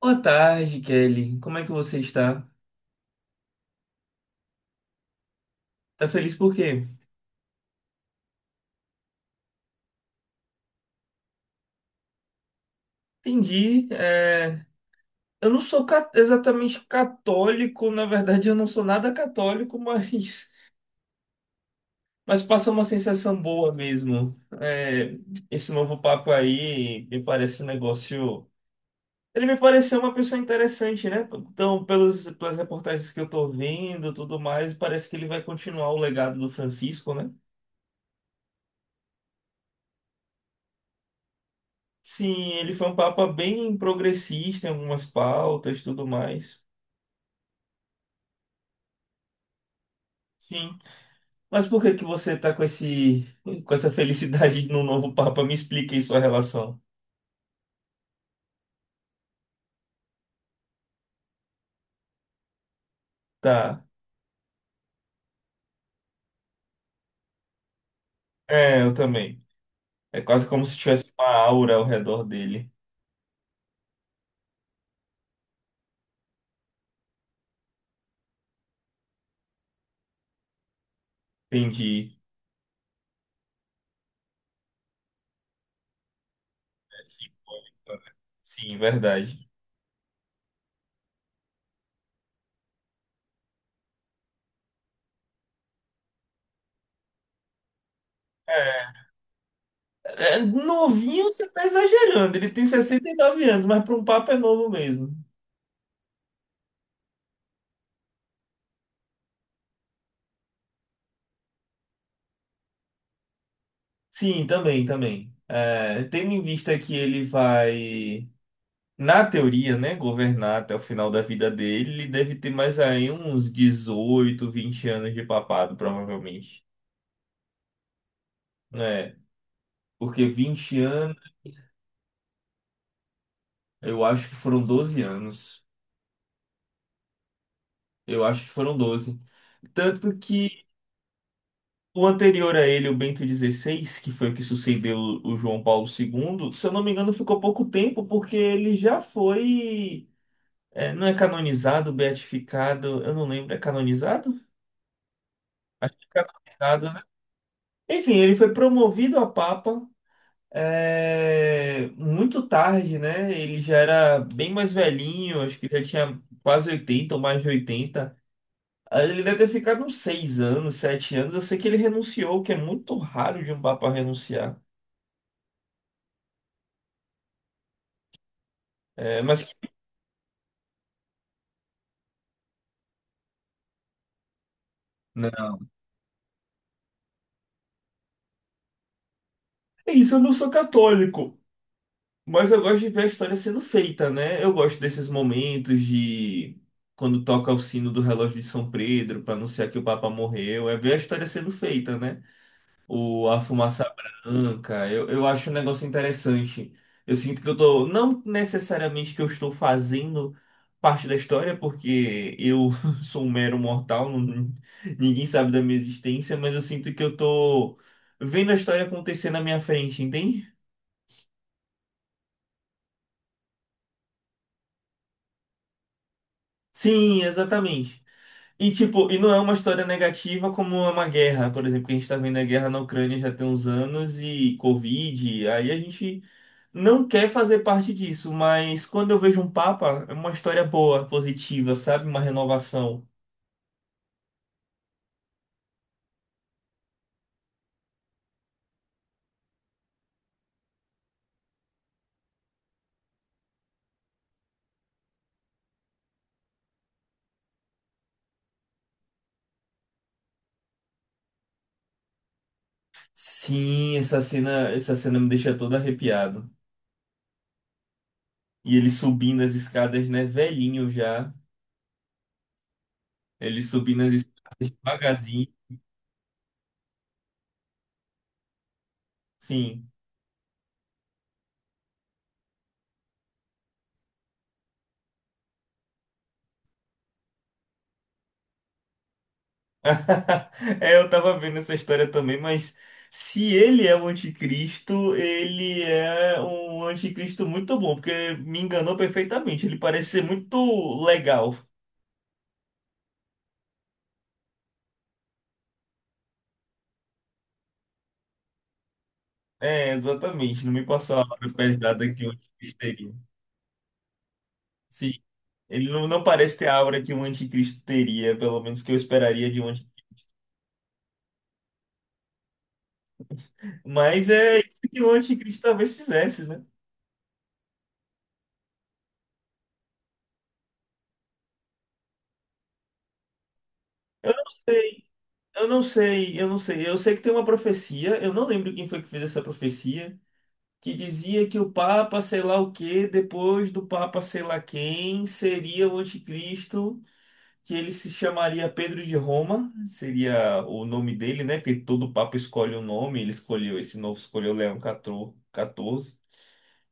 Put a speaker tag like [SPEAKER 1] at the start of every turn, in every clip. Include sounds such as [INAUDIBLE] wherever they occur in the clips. [SPEAKER 1] Boa tarde, Kelly. Como é que você está? Tá feliz por quê? Entendi. Eu não sou exatamente católico. Na verdade, eu não sou nada católico, [LAUGHS] mas passa uma sensação boa mesmo. É, Esse novo papo aí me parece um negócio. Ele me pareceu uma pessoa interessante, né? Então, pelas reportagens que eu tô vendo, tudo mais, parece que ele vai continuar o legado do Francisco, né? Sim, ele foi um papa bem progressista em algumas pautas, tudo mais. Sim. Mas por que que você tá com essa felicidade no novo Papa? Me explique aí sua relação. Tá. É, eu também. É quase como se tivesse uma aura ao redor dele. Entendi. É simbólico, né? Sim, verdade. É, novinho você tá exagerando. Ele tem 69 anos, mas para um Papa é novo mesmo. Sim, também, também. É, tendo em vista que ele vai, na teoria, né, governar até o final da vida dele, ele deve ter mais aí uns 18, 20 anos de papado, provavelmente. É, porque 20 anos, eu acho que foram 12 anos. Eu acho que foram 12. Tanto que o anterior a ele, o Bento XVI, que foi o que sucedeu o João Paulo II, se eu não me engano, ficou pouco tempo, porque ele já foi. Não é canonizado, beatificado, eu não lembro, é canonizado? Acho que é canonizado, né? Enfim, ele foi promovido a Papa muito tarde, né? Ele já era bem mais velhinho, acho que já tinha quase 80 ou mais de oitenta. Ele deve ter ficado uns 6 anos, 7 anos. Eu sei que ele renunciou, o que é muito raro de um Papa renunciar. Eh, mas que- Não. É isso, eu não sou católico, mas eu gosto de ver a história sendo feita, né? Eu gosto desses momentos de quando toca o sino do relógio de São Pedro para anunciar que o Papa morreu, é ver a história sendo feita, né? A fumaça branca. Eu acho um negócio interessante. Eu sinto que eu tô, não necessariamente que eu estou fazendo parte da história, porque eu [LAUGHS] sou um mero mortal. Ninguém sabe da minha existência, mas eu sinto que eu tô vendo a história acontecer na minha frente, entende? Sim, exatamente. E tipo, e não é uma história negativa como é uma guerra, por exemplo, que a gente tá vendo a guerra na Ucrânia já tem uns anos e Covid, aí a gente não quer fazer parte disso, mas quando eu vejo um Papa, é uma história boa, positiva, sabe? Uma renovação. Sim, essa cena me deixa todo arrepiado. E ele subindo as escadas, né? Velhinho já. Ele subindo as escadas devagarzinho. Sim. [LAUGHS] É, eu tava vendo essa história também, mas se ele é o anticristo, ele é um anticristo muito bom, porque me enganou perfeitamente. Ele parece ser muito legal. É, exatamente. Não me passou a aura pesada que o anticristo teria. Sim, ele não parece ter a aura que um anticristo teria, pelo menos que eu esperaria de um anticristo. Mas é isso que o anticristo talvez fizesse, né? Eu, eu não sei, eu não sei. Eu sei que tem uma profecia, eu não lembro quem foi que fez essa profecia, que dizia que o Papa sei lá o quê, depois do Papa sei lá quem, seria o anticristo. Que ele se chamaria Pedro de Roma, seria o nome dele, né? Porque todo papa escolhe um nome, ele escolheu esse novo, escolheu Leão 14,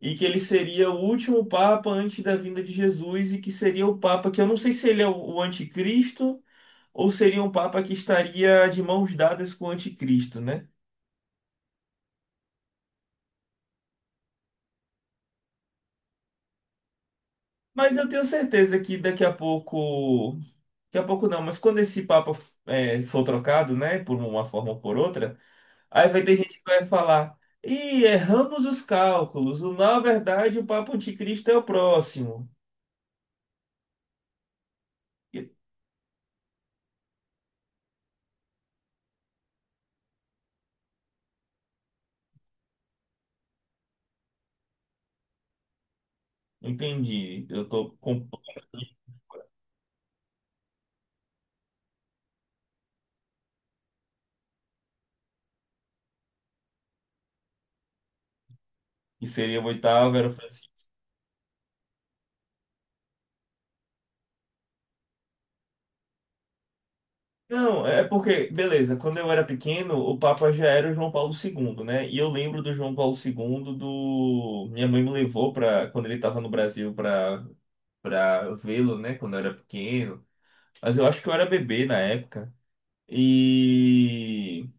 [SPEAKER 1] e que ele seria o último papa antes da vinda de Jesus e que seria o papa que eu não sei se ele é o anticristo ou seria um papa que estaria de mãos dadas com o anticristo, né? Mas eu tenho certeza que daqui a pouco não, mas quando esse papa for trocado, né, por uma forma ou por outra. Aí vai ter gente que vai falar: Ih, erramos os cálculos. Na verdade, o Papa Anticristo é o próximo. E- Entendi. Eu tô com que seria o oitavo, era o Francisco. Não, é porque, beleza, quando eu era pequeno, o Papa já era o João Paulo II, né? E eu lembro do João Paulo II do. Minha mãe me levou para quando ele estava no Brasil para vê-lo, né? Quando eu era pequeno. Mas eu acho que eu era bebê na época. E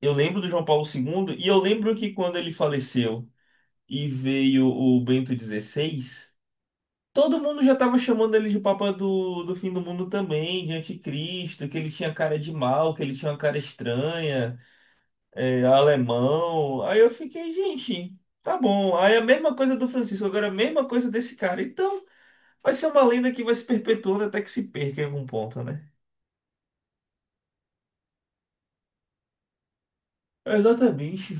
[SPEAKER 1] eu lembro do João Paulo II e eu lembro que quando ele faleceu e veio o Bento XVI, todo mundo já estava chamando ele de Papa do fim do mundo também, de anticristo, que ele tinha cara de mal, que ele tinha uma cara estranha, é, alemão. Aí eu fiquei, gente, tá bom. Aí a mesma coisa do Francisco, agora a mesma coisa desse cara. Então vai ser uma lenda que vai se perpetuando até que se perca em algum ponto, né? Exatamente.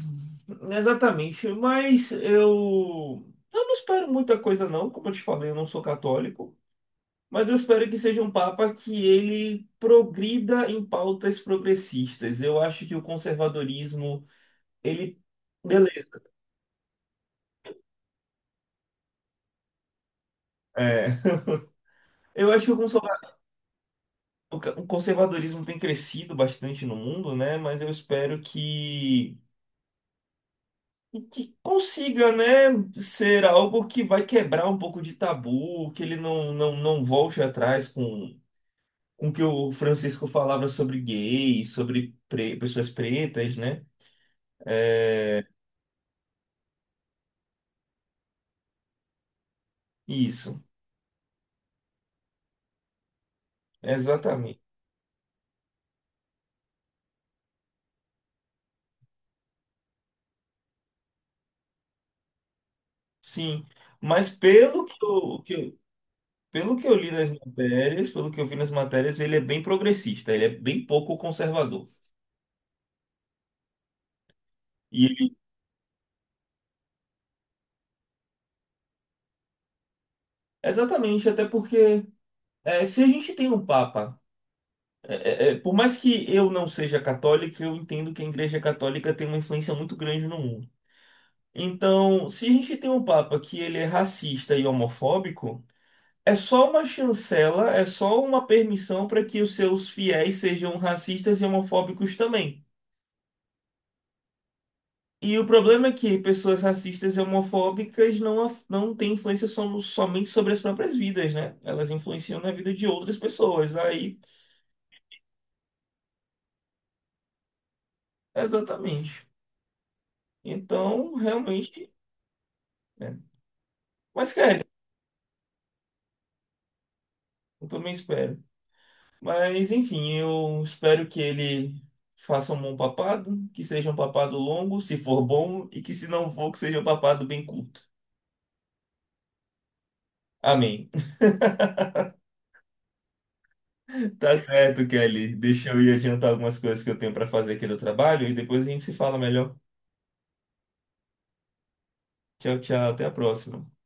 [SPEAKER 1] Exatamente. Mas eu não espero muita coisa, não. Como eu te falei, eu não sou católico. Mas eu espero que seja um papa que ele progrida em pautas progressistas. Eu acho que o conservadorismo, ele. Beleza. É. Eu acho que o conservadorismo tem crescido bastante no mundo, né? Mas eu espero que consiga, né, ser algo que vai quebrar um pouco de tabu, que ele não, não, não volte atrás com o que o Francisco falava sobre gays, sobre pessoas pretas, né? Isso, exatamente. Sim, mas pelo que eu li nas matérias, pelo que eu vi nas matérias, ele é bem progressista, ele é bem pouco conservador. E exatamente, até porque se a gente tem um papa É, por mais que eu não seja católico, eu entendo que a Igreja Católica tem uma influência muito grande no mundo. Então, se a gente tem um Papa que ele é racista e homofóbico, é só uma chancela, é só uma permissão para que os seus fiéis sejam racistas e homofóbicos também. E o problema é que pessoas racistas e homofóbicas não têm influência somente sobre as próprias vidas, né? Elas influenciam na vida de outras pessoas. Aí, exatamente. Então, realmente, né? Mas, cara, eu também espero. Mas, enfim, eu espero que ele faça um bom papado, que seja um papado longo, se for bom, e que se não for, que seja um papado bem curto. Amém. [LAUGHS] Tá certo, Kelly. Deixa eu ir adiantar algumas coisas que eu tenho para fazer aqui no trabalho e depois a gente se fala melhor. Tchau, tchau. Até a próxima.